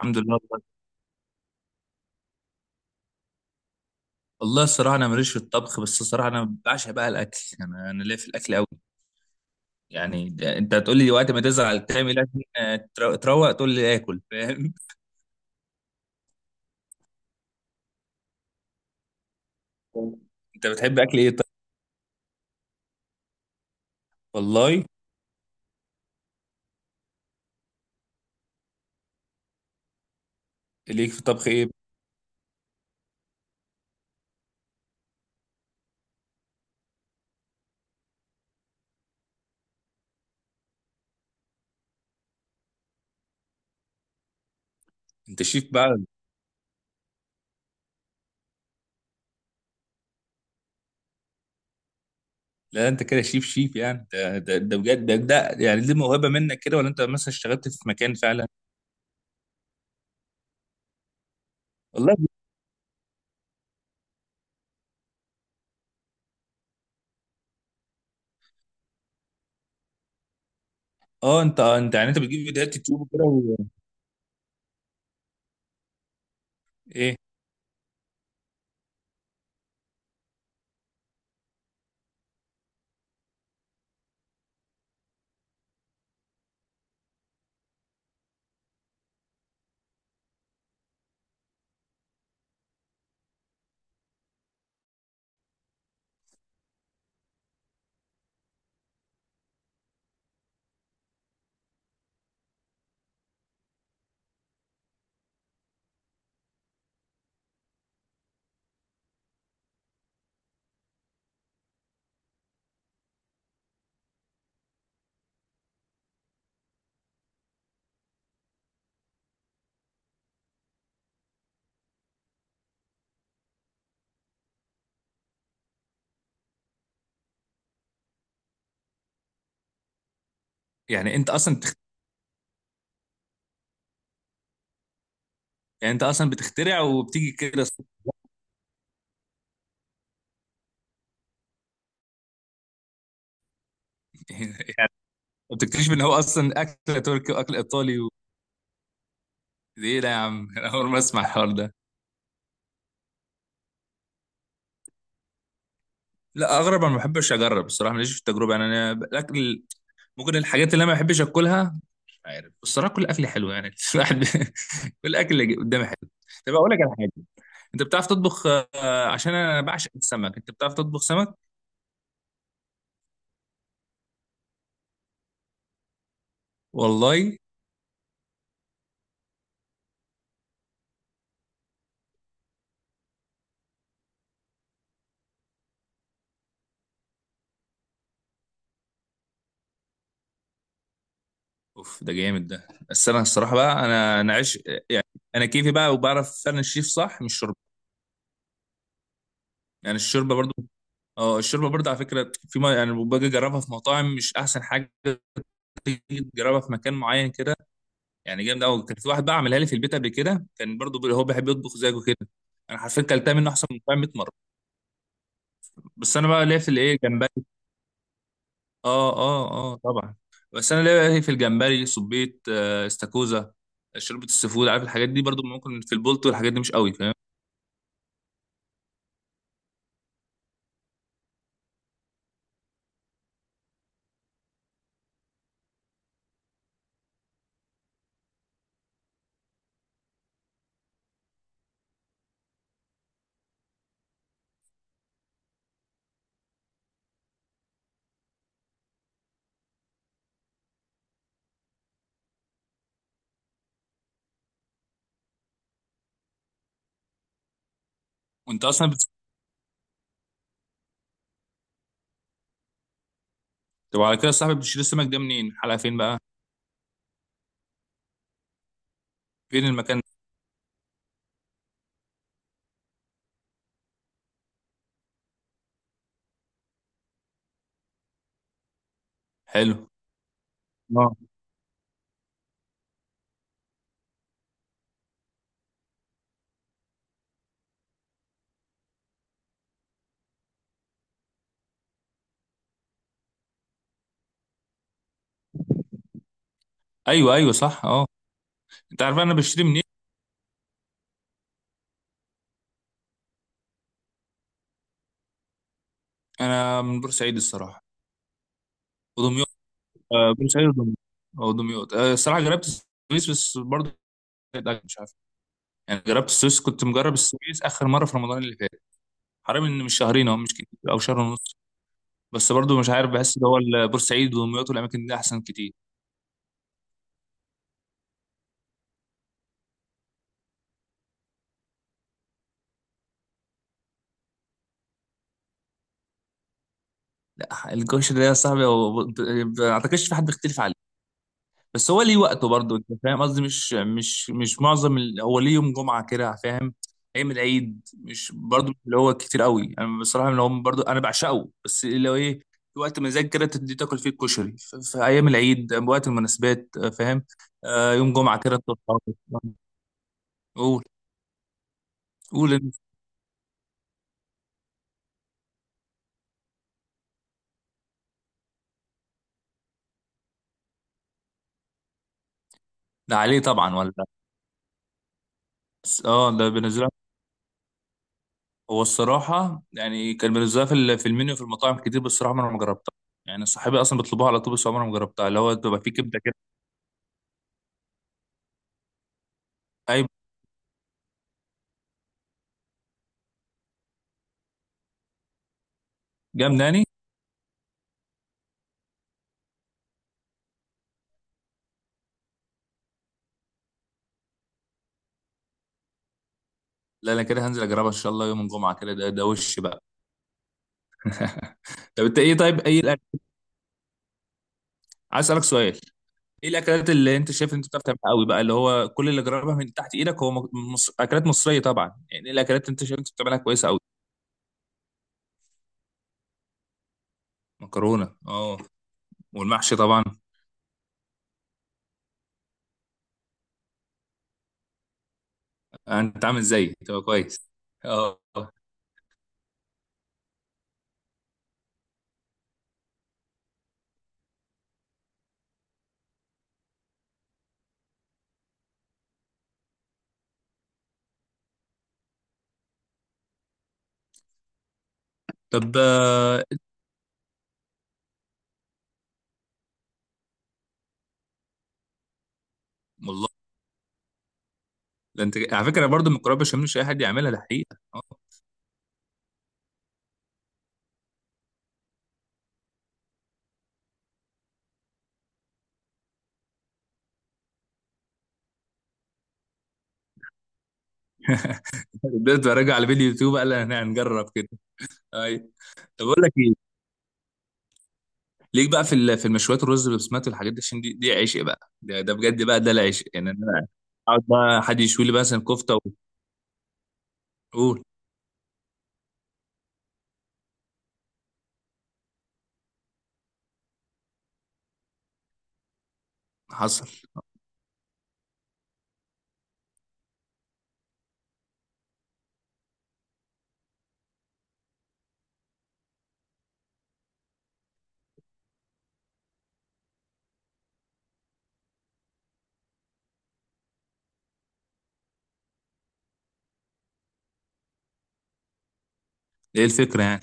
الحمد لله والله. والله الصراحه انا ماليش في الطبخ، بس الصراحه انا بعشق بقى الاكل، انا ليا في الاكل قوي. يعني انت هتقول لي وقت ما تزعل تعمل اكل، تروق تقول لي اكل، فاهم؟ انت بتحب اكل ايه طيب؟ والله ليك في الطبخ ايه؟ انت شيف بقى؟ لا انت كده شيف، يعني ده بجد، ده يعني دي موهبه منك كده، ولا انت مثلا اشتغلت في مكان فعلا؟ والله. اه، انت يعني انت بتجيب فيديوهات يوتيوب وكده ايه؟ يعني انت اصلا يعني انت اصلا بتخترع وبتيجي كده الصدفة. ما بتكتشف ان هو اصلا اكل تركي واكل ايطالي ده ايه ده يا عم؟ انا اول ما اسمع الحوار ده. لا، اغرب انا ما بحبش اجرب الصراحه، ماليش في التجربه يعني انا الاكل ممكن الحاجات اللي انا ما بحبش اكلها. مش عارف الصراحه، كل اكل حلو يعني. الواحد كل اكل اللي قدامي حلو. طب اقول لك على حاجه، انت بتعرف تطبخ؟ عشان انا بعشق السمك، انت بتعرف تطبخ سمك؟ والله. اوف ده جامد، ده السمك الصراحه بقى، انا عش يعني. انا كيفي بقى، وبعرف فعلا الشيف صح. مش شوربه يعني، الشوربه برضه. اه الشوربه برضه، على فكره، في ما يعني باجي اجربها في مطاعم مش احسن حاجه، تيجي تجربها في مكان معين كده، يعني جامد قوي. كان في واحد بقى عملها لي في البيت قبل كده، كان برضه هو بيحب يطبخ زيك وكده. انا حرفيا كلتها منه احسن من المطاعم 100 مره. بس انا بقى ليا في الايه، جمبري. اه اه اه طبعا. بس انا ليا في الجمبري، صبيط، استاكوزا، شوربه السفود، عارف الحاجات دي. برضه ممكن في البولت والحاجات دي مش قوي، فاهم؟ وانت اصلا طب على كده صاحبي، بتشيل السمك ده منين؟ الحلقه فين بقى؟ فين المكان ده؟ حلو. اه. ايوه ايوه صح، اه. انت عارف انا بشتري منين؟ انا من بورسعيد الصراحه، ودمياط. بورسعيد ودمياط او دمياط. الصراحه جربت السويس بس برضه كانت أكل، مش عارف يعني. جربت السويس، كنت مجرب السويس اخر مره في رمضان اللي فات. حرام ان مش شهرين او مش كتير، او شهر ونص. بس برضه مش عارف، بحس ان هو بورسعيد ودمياط والاماكن دي احسن كتير. لا الكوش ده يا صاحبي، ما اعتقدش في حد بيختلف عليه. بس هو ليه وقته برضه، انت فاهم قصدي؟ مش معظم هو ليه يوم جمعه كده، فاهم؟ ايام العيد مش برضه اللي هو كتير قوي، انا بصراحه اللي هو برضه انا بعشقه، بس اللي هو ايه، في وقت مزاج كده تدي تاكل فيه الكشري، في ايام العيد، وقت المناسبات، فاهم؟ آه يوم جمعه كده تطلع. قول. قول انت. ده عليه طبعا ولا لا؟ بس اه ده بينزلها، هو الصراحه يعني كان بينزلها في في المنيو في المطاعم كتير، بس الصراحه ما انا ما جربتها. يعني صحابي اصلا بيطلبوها على طول، بس عمري ما جربتها، اللي هو بتبقى فيه كبده كده. جمداني. لا انا كده هنزل اجربها ان شاء الله يوم الجمعه كده. ده وش بقى؟ طب انت ايه طيب، ايه الاكل؟ عايز اسالك سؤال، ايه الاكلات اللي انت شايف إن انت بتعرف تعملها قوي بقى، اللي هو كل اللي جربها من تحت ايدك، هو اكلات مصريه طبعا يعني، ايه الاكلات اللي انت شايف إن انت بتعملها كويسه قوي؟ مكرونه، اه. والمحشي طبعا. انت عامل زيي، تبقى كويس. اه. طب آه. والله. ده انت على فكره برضو المكرونه بشاميل مش اي حد يعملها، ده حقيقه، اه. بدات اراجع على فيديو يوتيوب قال، انا هنجرب كده. اي. طب اقول لك إيه؟ ليك بقى في في المشويات الرز بالبسمات والحاجات دي، عشان دي عشق بقى، ده بجد بقى ده العشق يعني. انا اقعد بقى حد يشوي لي مثلا كفته. وقول. حصل. ايه الفكره يعني؟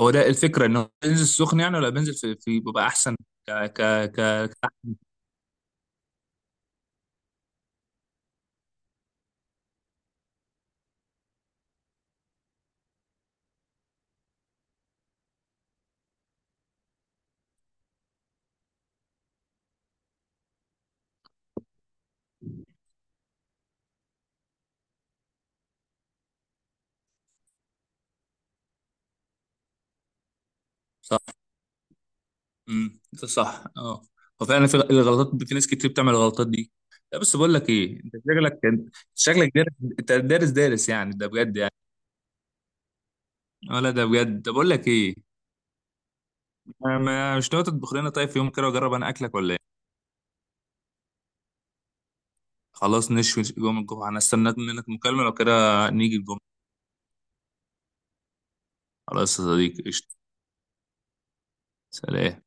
هو ده الفكره ان هو بينزل سخن يعني، ولا بينزل في بيبقى احسن؟ ك ك ك صح ده صح اه. وفعلا في الغلطات، في ناس كتير بتعمل الغلطات دي. لا بس بقول لك ايه، انت شكلك، شكلك دارس. انت دارس، يعني ده بجد يعني، ولا ده بجد؟ طب بقول لك ايه. مش ناوي تطبخ لنا طيب في يوم كده، واجرب انا اكلك، ولا؟ خلاص نشوي يوم الجمعة، أنا استنيت منك مكالمة لو كده. نيجي الجمعة. خلاص يا صديقي، قشطة. سلام.